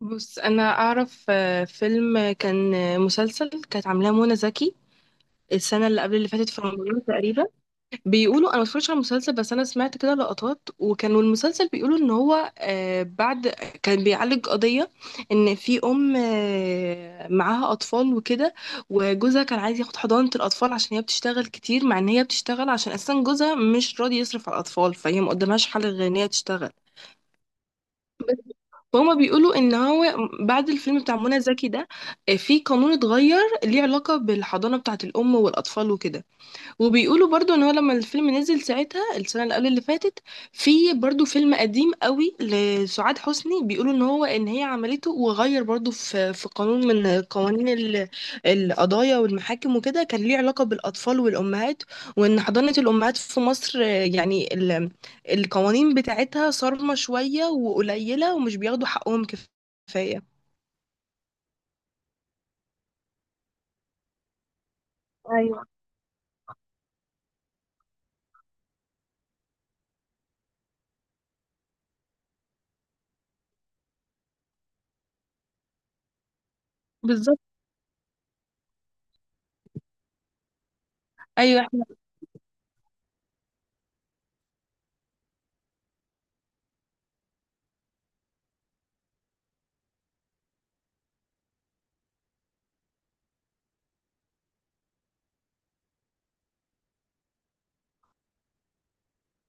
بص انا اعرف فيلم كان مسلسل كانت عاملاه منى زكي السنه اللي قبل اللي فاتت في رمضان تقريبا. بيقولوا انا ما اتفرجتش على المسلسل، بس انا سمعت كده لقطات، وكانوا المسلسل بيقولوا ان هو بعد كان بيعالج قضيه ان في ام معاها اطفال وكده، وجوزها كان عايز ياخد حضانه الاطفال عشان هي بتشتغل كتير، مع ان هي بتشتغل عشان اساسا جوزها مش راضي يصرف على الاطفال، فهي ما قدامهاش حل غير ان هي تشتغل. بس هما بيقولوا ان هو بعد الفيلم بتاع منى زكي ده في قانون اتغير ليه علاقة بالحضانة بتاعة الام والاطفال وكده. وبيقولوا برضو ان هو لما الفيلم نزل ساعتها السنه اللي قبل اللي فاتت، في برضو فيلم قديم قوي لسعاد حسني بيقولوا ان هو ان هي عملته، وغير برضو في قانون من قوانين القضايا والمحاكم وكده كان ليه علاقه بالاطفال والامهات، وان حضانه الامهات في مصر يعني القوانين بتاعتها صارمه شويه وقليله، ومش بياخدوا حقهم كفايه. ايوه بالظبط. ايوه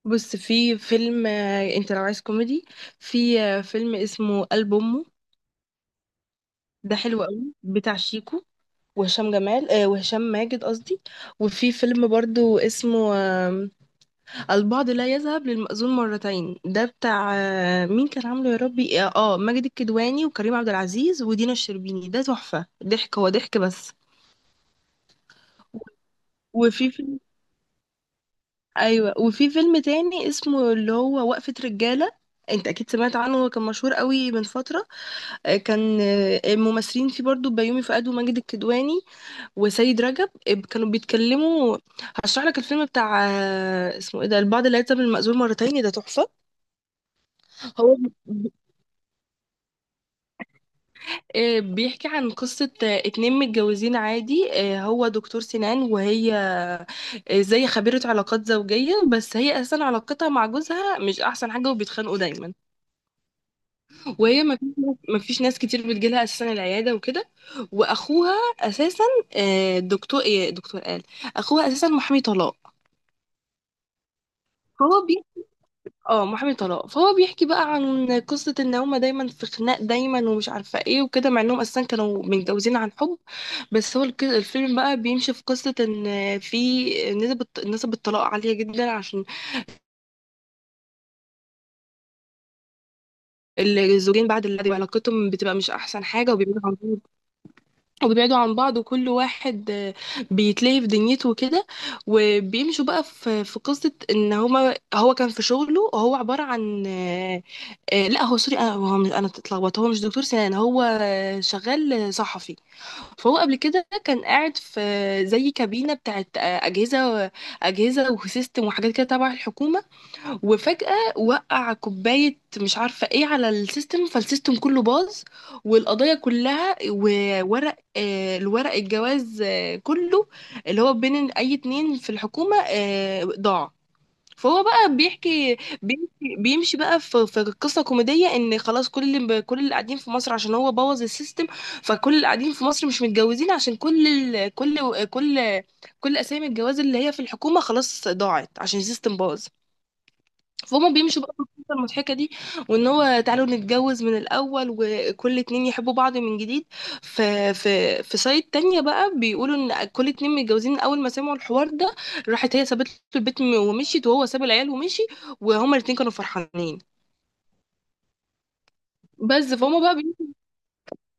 بص في فيلم انت لو عايز كوميدي، في فيلم اسمه قلب امه، ده حلو قوي، بتاع شيكو وهشام جمال، وهشام ماجد قصدي. وفي فيلم برضو اسمه البعض لا يذهب للمأذون مرتين، ده بتاع آه مين كان عامله يا ربي، اه ماجد الكدواني وكريم عبد العزيز ودينا الشربيني. ده تحفة، ضحك هو ضحك بس. وفي فيلم ايوه، وفي فيلم تاني اسمه اللي هو وقفة رجالة، انت اكيد سمعت عنه، هو كان مشهور قوي من فترة. كان الممثلين فيه برضو بيومي فؤاد وماجد الكدواني وسيد رجب، كانوا بيتكلموا. هشرح لك الفيلم بتاع اسمه ايه ده، البعض لا يلزم المأذون مرتين، ده تحفة. هو ب- آه، بيحكي عن قصة اتنين متجوزين عادي، هو دكتور سنان، وهي زي خبيرة علاقات زوجية، بس هي أساسا علاقتها مع جوزها مش أحسن حاجة وبيتخانقوا دايما. وهي ما فيش ناس كتير بتجيلها اساسا العياده وكده. واخوها اساسا آه، دكتور ايه دكتور قال اخوها اساسا محامي طلاق. فهو بي اه محامي طلاق، فهو بيحكي بقى عن قصه ان هما دايما في خناق دايما ومش عارفه ايه وكده، مع انهم اساسا كانوا متجوزين عن حب. بس هو الفيلم بقى بيمشي في قصه ان في نسب الطلاق عاليه جدا، عشان الزوجين بعد العقد علاقتهم بتبقى مش احسن حاجه، وبيبقوا وبيبعدوا عن بعض، وكل واحد بيتلهي في دنيته وكده. وبيمشوا بقى في قصة ان هما هو كان في شغله، هو عبارة عن لا هو سوري انا، هو مش- انا اتلخبطت، هو مش دكتور سنان، هو شغال صحفي. فهو قبل كده كان قاعد في زي كابينة بتاعت أجهزة وسيستم وحاجات كده تبع الحكومة. وفجأة وقع كوباية مش عارفة ايه على السيستم، فالسيستم كله باظ، والقضية كلها، وورق الورق الجواز كله اللي هو بين أي اتنين في الحكومة ضاع. فهو بقى بيحكي، بيمشي بقى في قصة كوميدية ان خلاص كل اللي قاعدين في مصر عشان هو بوظ السيستم. فكل اللي قاعدين في مصر مش متجوزين عشان كل ال... كل كل كل اسامي الجواز اللي هي في الحكومة خلاص ضاعت عشان السيستم باظ. فهم بيمشوا بقى في القصة المضحكة دي، وان هو تعالوا نتجوز من الاول وكل اتنين يحبوا بعض من جديد. في سايد تانية بقى بيقولوا ان كل اتنين متجوزين من اول ما سمعوا الحوار ده، راحت هي سابت له البيت ومشيت، وهو ساب العيال ومشي، وهما الاتنين كانوا فرحانين. بس فهم بقى،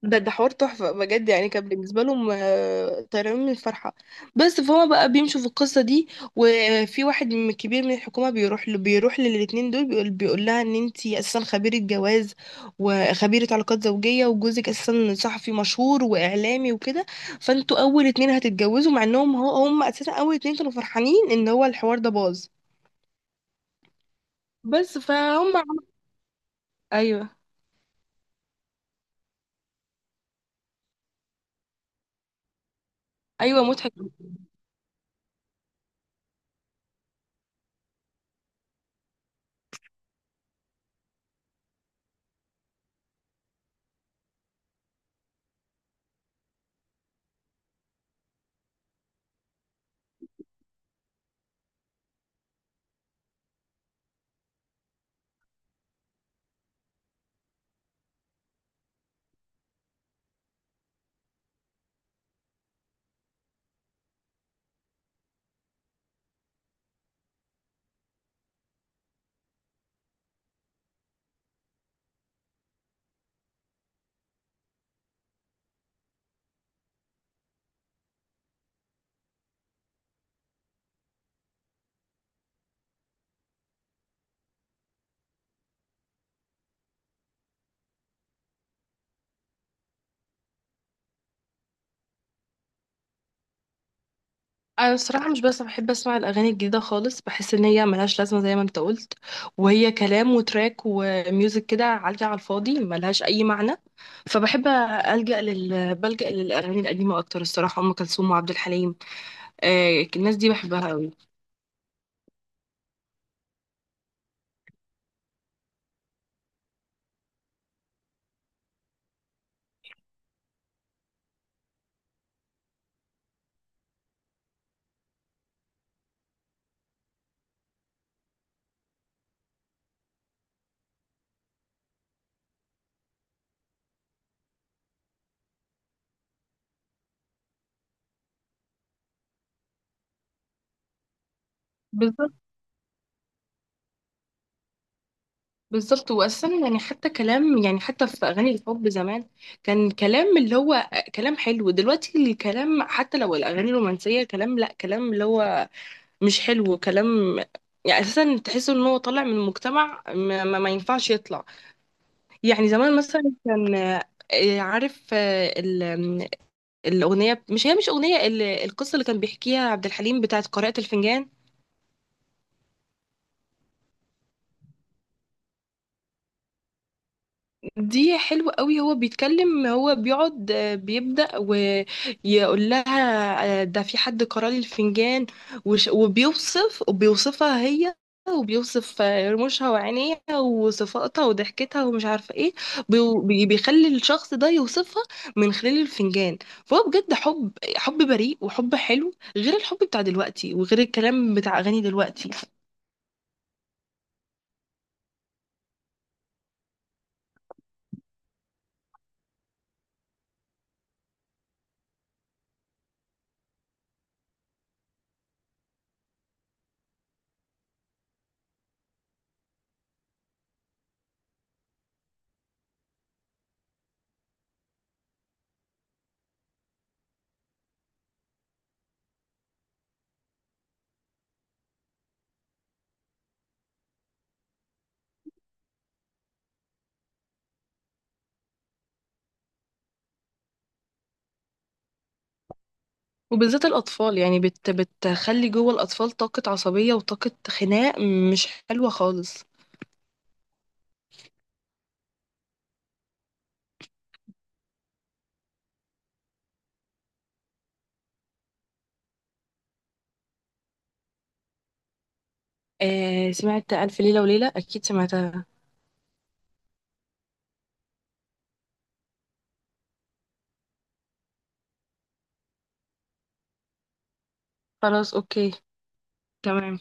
ده ده حوار تحفة بجد، يعني كان بالنسبة لهم طيران من الفرحة. بس فهو بقى بيمشوا في القصة دي، وفي واحد من كبير من الحكومة بيروح للاتنين دول بيقول لها ان انتي اساسا خبيرة جواز وخبيرة علاقات زوجية، وجوزك اساسا صحفي مشهور واعلامي وكده، فانتوا اول اتنين هتتجوزوا، مع انهم هم اساسا اول اتنين كانوا فرحانين ان هو الحوار ده باظ. بس فهم عم- ايوه ايوه مضحك. انا الصراحه مش بس بحب اسمع الاغاني الجديده خالص، بحس ان هي ملهاش لازمه زي ما انت قلت، وهي كلام وتراك وميوزك كده عالجه على الفاضي ملهاش اي معنى. فبحب الجا لل بلجا للاغاني القديمه اكتر الصراحه، ام كلثوم وعبد الحليم، الناس دي بحبها قوي. بالظبط بالظبط، واساسا يعني حتى كلام، يعني حتى في اغاني الحب زمان كان كلام اللي هو كلام حلو، دلوقتي الكلام حتى لو الاغاني الرومانسيه كلام، لا كلام اللي هو مش حلو كلام، يعني اساسا تحس ان هو طالع من مجتمع ما ينفعش يطلع. يعني زمان مثلا كان عارف آه، ال- آم، الاغنيه مش هي مش اغنيه القصه اللي كان بيحكيها عبد الحليم بتاعت قارئة الفنجان. دي حلوة قوي، هو بيقعد بيبدأ ويقول لها ده في حد قرا لي الفنجان، وبيوصف وبيوصفها، وبيوصف رموشها وعينيها وصفاتها وضحكتها ومش عارفة ايه. بيخلي الشخص ده يوصفها من خلال الفنجان. فهو بجد حب بريء وحب حلو، غير الحب بتاع دلوقتي وغير الكلام بتاع أغاني دلوقتي. وبالذات الأطفال، يعني بتخلي جوه الأطفال طاقة عصبية وطاقة خناق مش حلوة خالص. آه سمعت ألف ليلة وليلة، أكيد سمعتها. خلاص أوكي. تمام.